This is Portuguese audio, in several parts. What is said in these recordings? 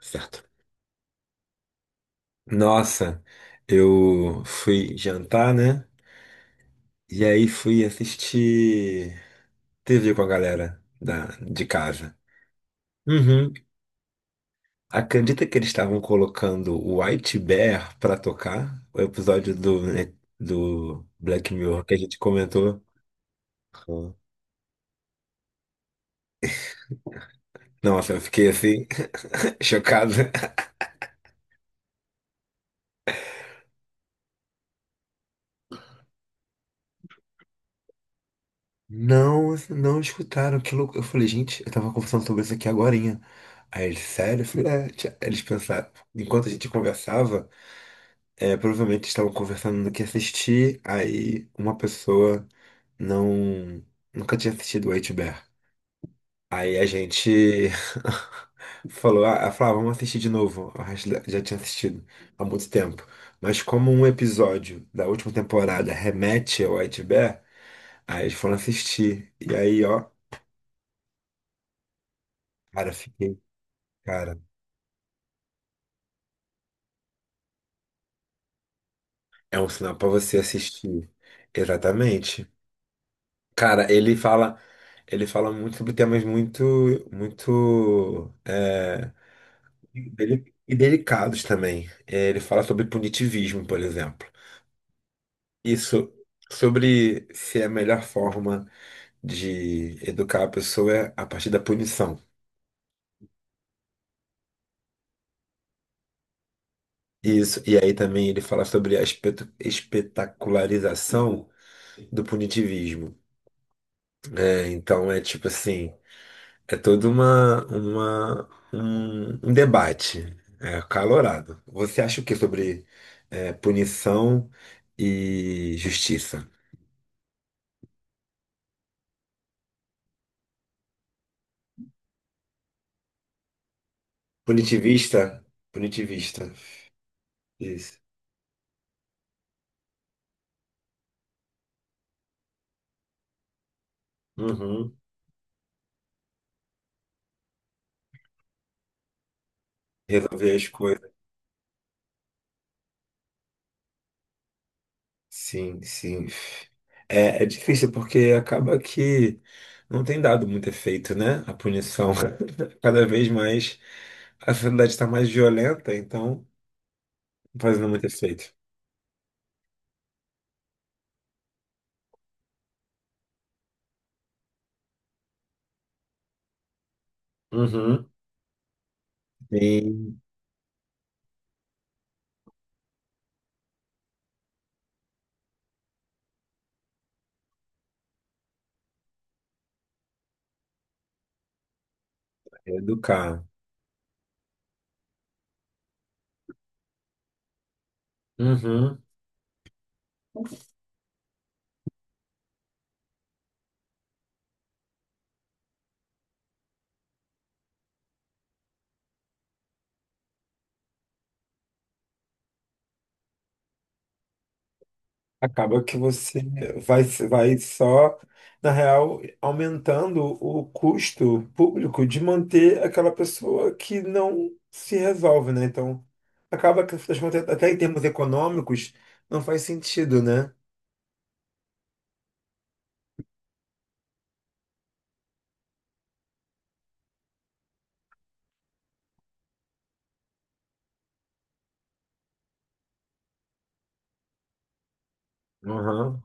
Certo. Nossa, eu fui jantar, né? E aí fui assistir TV com a galera de casa. Uhum. Acredita que eles estavam colocando o White Bear pra tocar? O episódio do Black Mirror que a gente comentou. Uhum. Nossa, eu fiquei assim, chocado. Não, não escutaram, que louco. Eu falei, gente, eu tava conversando sobre isso aqui agorinha. Aí eles, sério? Eu falei, é, tia, eles pensaram, enquanto a gente conversava. É, provavelmente estavam conversando do que assistir, aí uma pessoa não nunca tinha assistido o H-Bear. Aí a gente falou, ah, ela falou, "Ah, vamos assistir de novo. O já tinha assistido há muito tempo. Mas como um episódio da última temporada remete ao White bear aí eles foram assistir. E aí, ó, cara, fiquei, cara, é um sinal pra você assistir. Exatamente. Cara, ele fala muito sobre temas muito, muito e delicados também. É, ele fala sobre punitivismo, por exemplo. Isso, sobre se é a melhor forma de educar a pessoa é a partir da punição. Isso. E aí também ele fala sobre a espetacularização do punitivismo. É, então é tipo assim. É todo um debate é, acalorado. Você acha o que sobre é, punição e justiça? Punitivista? Punitivista. Isso. Uhum. Resolver as coisas. Sim, sim. É, é difícil porque acaba que não tem dado muito efeito, né? A punição. Cada vez mais a sociedade está mais violenta, então não tá fazendo muito efeito. Uhum. Sim, educar. Uhum. Acaba que você vai, vai só, na real, aumentando o custo público de manter aquela pessoa que não se resolve, né? Então, acaba que, afinal de contas, até em termos econômicos, não faz sentido, né? Uhum.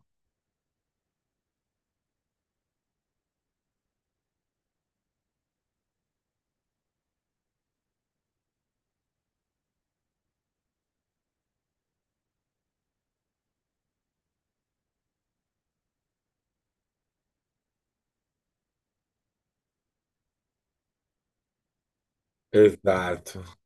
Exato.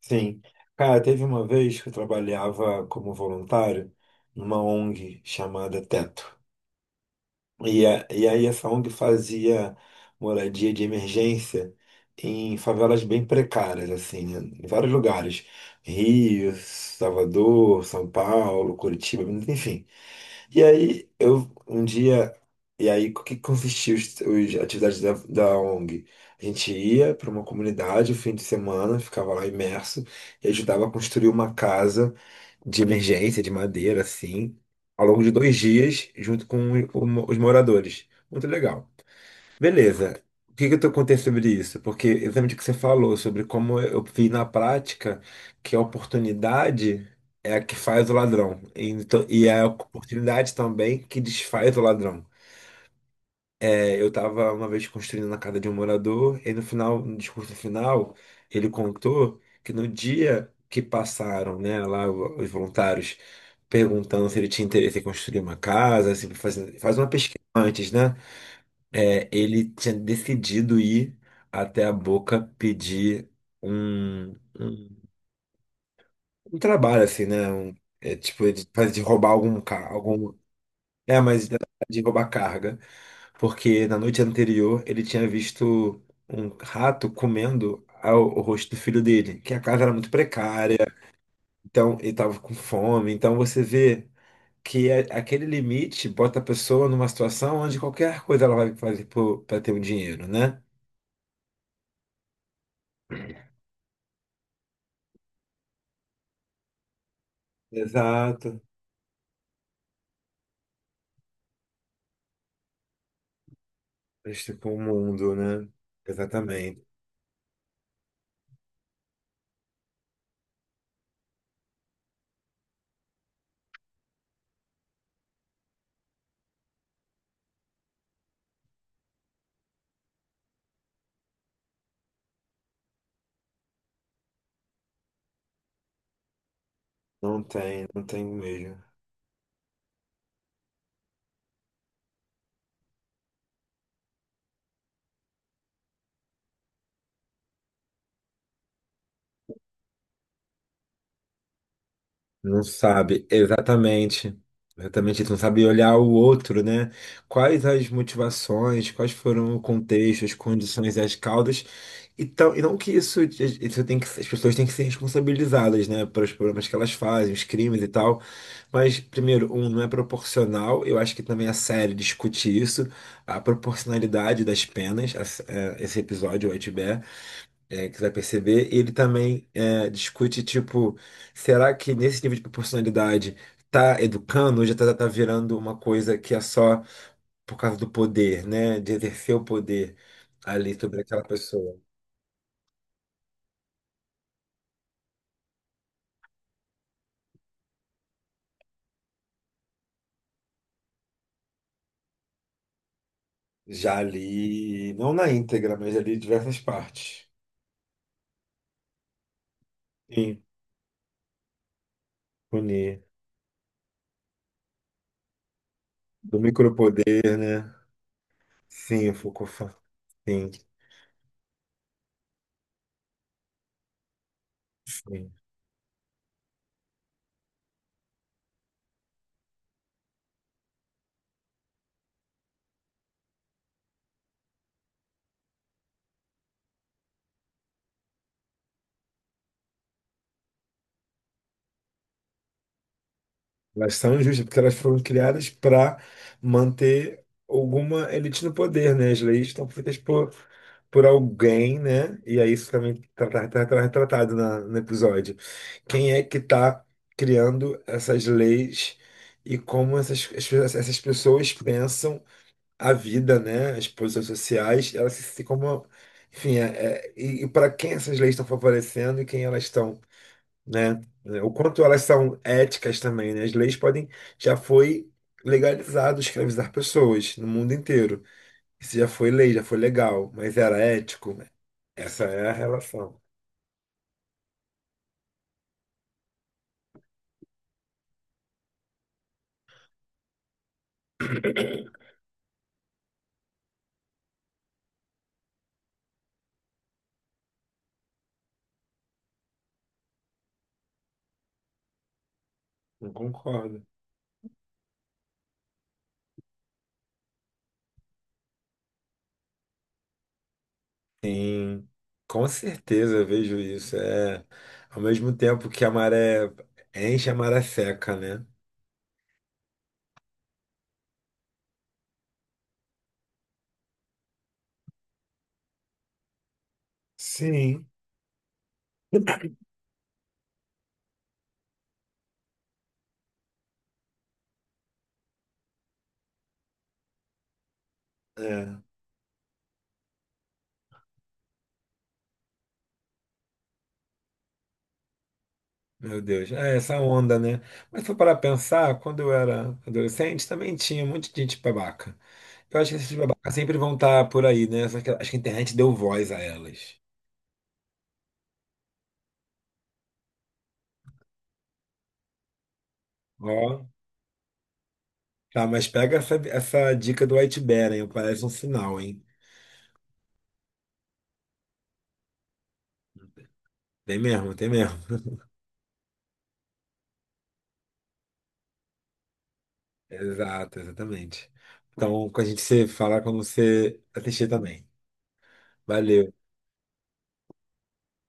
Sim. Cara, teve uma vez que eu trabalhava como voluntário numa ONG chamada Teto. E aí essa ONG fazia moradia de emergência em favelas bem precárias, assim, né? Em vários lugares. Rio, Salvador, São Paulo, Curitiba, enfim. E aí, eu um dia. E aí, o que consistia os atividades da ONG? A gente ia para uma comunidade o fim de semana, ficava lá imerso e ajudava a construir uma casa de emergência, de madeira, assim, ao longo de 2 dias, junto com os moradores. Muito legal. Beleza. O que que eu tô contando sobre isso? Porque exatamente o que você falou sobre como eu vi na prática que a oportunidade é a que faz o ladrão. Então, e é a oportunidade também que desfaz o ladrão. É, eu estava uma vez construindo na casa de um morador, e no final, no discurso final, ele contou que no dia que passaram, né, lá os voluntários perguntando se ele tinha interesse em construir uma casa, se fazer, faz uma pesquisa antes, né? É, ele tinha decidido ir até a Boca pedir um, um, um trabalho, assim, né? Um, é, tipo, de, de roubar algum carro. Algum, é, mas de roubar carga. Porque na noite anterior ele tinha visto um rato comendo o rosto do filho dele, que a casa era muito precária, então ele estava com fome. Então você vê que aquele limite bota a pessoa numa situação onde qualquer coisa ela vai fazer para ter um dinheiro, né? Exato. Este com o mundo, né? Exatamente. Não tem, não tem mesmo. Não sabe, exatamente. Exatamente, não sabe olhar o outro, né? Quais as motivações, quais foram o contexto, as condições e as causas. Então, e não que isso tem que, as pessoas têm que ser responsabilizadas, né, pelos problemas que elas fazem, os crimes e tal. Mas, primeiro, um, não é proporcional. Eu acho que também a série discute isso, a proporcionalidade das penas. Esse episódio, o Itbear, é, que você vai perceber. Ele também é, discute, tipo, será que nesse nível de proporcionalidade tá educando ou já tá virando uma coisa que é só por causa do poder, né? De exercer o poder ali sobre aquela pessoa. Já ali, não na íntegra, mas ali em diversas partes. Sim, punir. Do micropoder, né? Sim, o Foucault. Sim, sim. Elas são injustas, porque elas foram criadas para manter alguma elite no poder, né? As leis estão feitas por alguém, né? E aí isso também está retratado no episódio. Quem é que está criando essas leis e como essas pessoas pensam a vida, né? As posições sociais, elas se como. Enfim, é, e para quem essas leis estão favorecendo e quem elas estão, né? O quanto elas são éticas também, né? As leis podem, já foi legalizado escravizar pessoas no mundo inteiro. Isso já foi lei, já foi legal, mas era ético? Essa é a relação. Não concordo. Sim, com certeza eu vejo isso. É, ao mesmo tempo que a maré enche, a maré seca, né? Sim, é. Meu Deus, é essa onda, né? Mas se for para pensar, quando eu era adolescente, também tinha um monte de gente babaca. Eu acho que essas babacas sempre vão estar por aí, né? Só que acho que a internet deu voz a elas. Ó, tá, mas pega essa dica do White Bear, hein? Parece um sinal, hein? Tem mesmo, tem mesmo. Exato, exatamente. Então, com a gente se fala quando você assistir também. Valeu.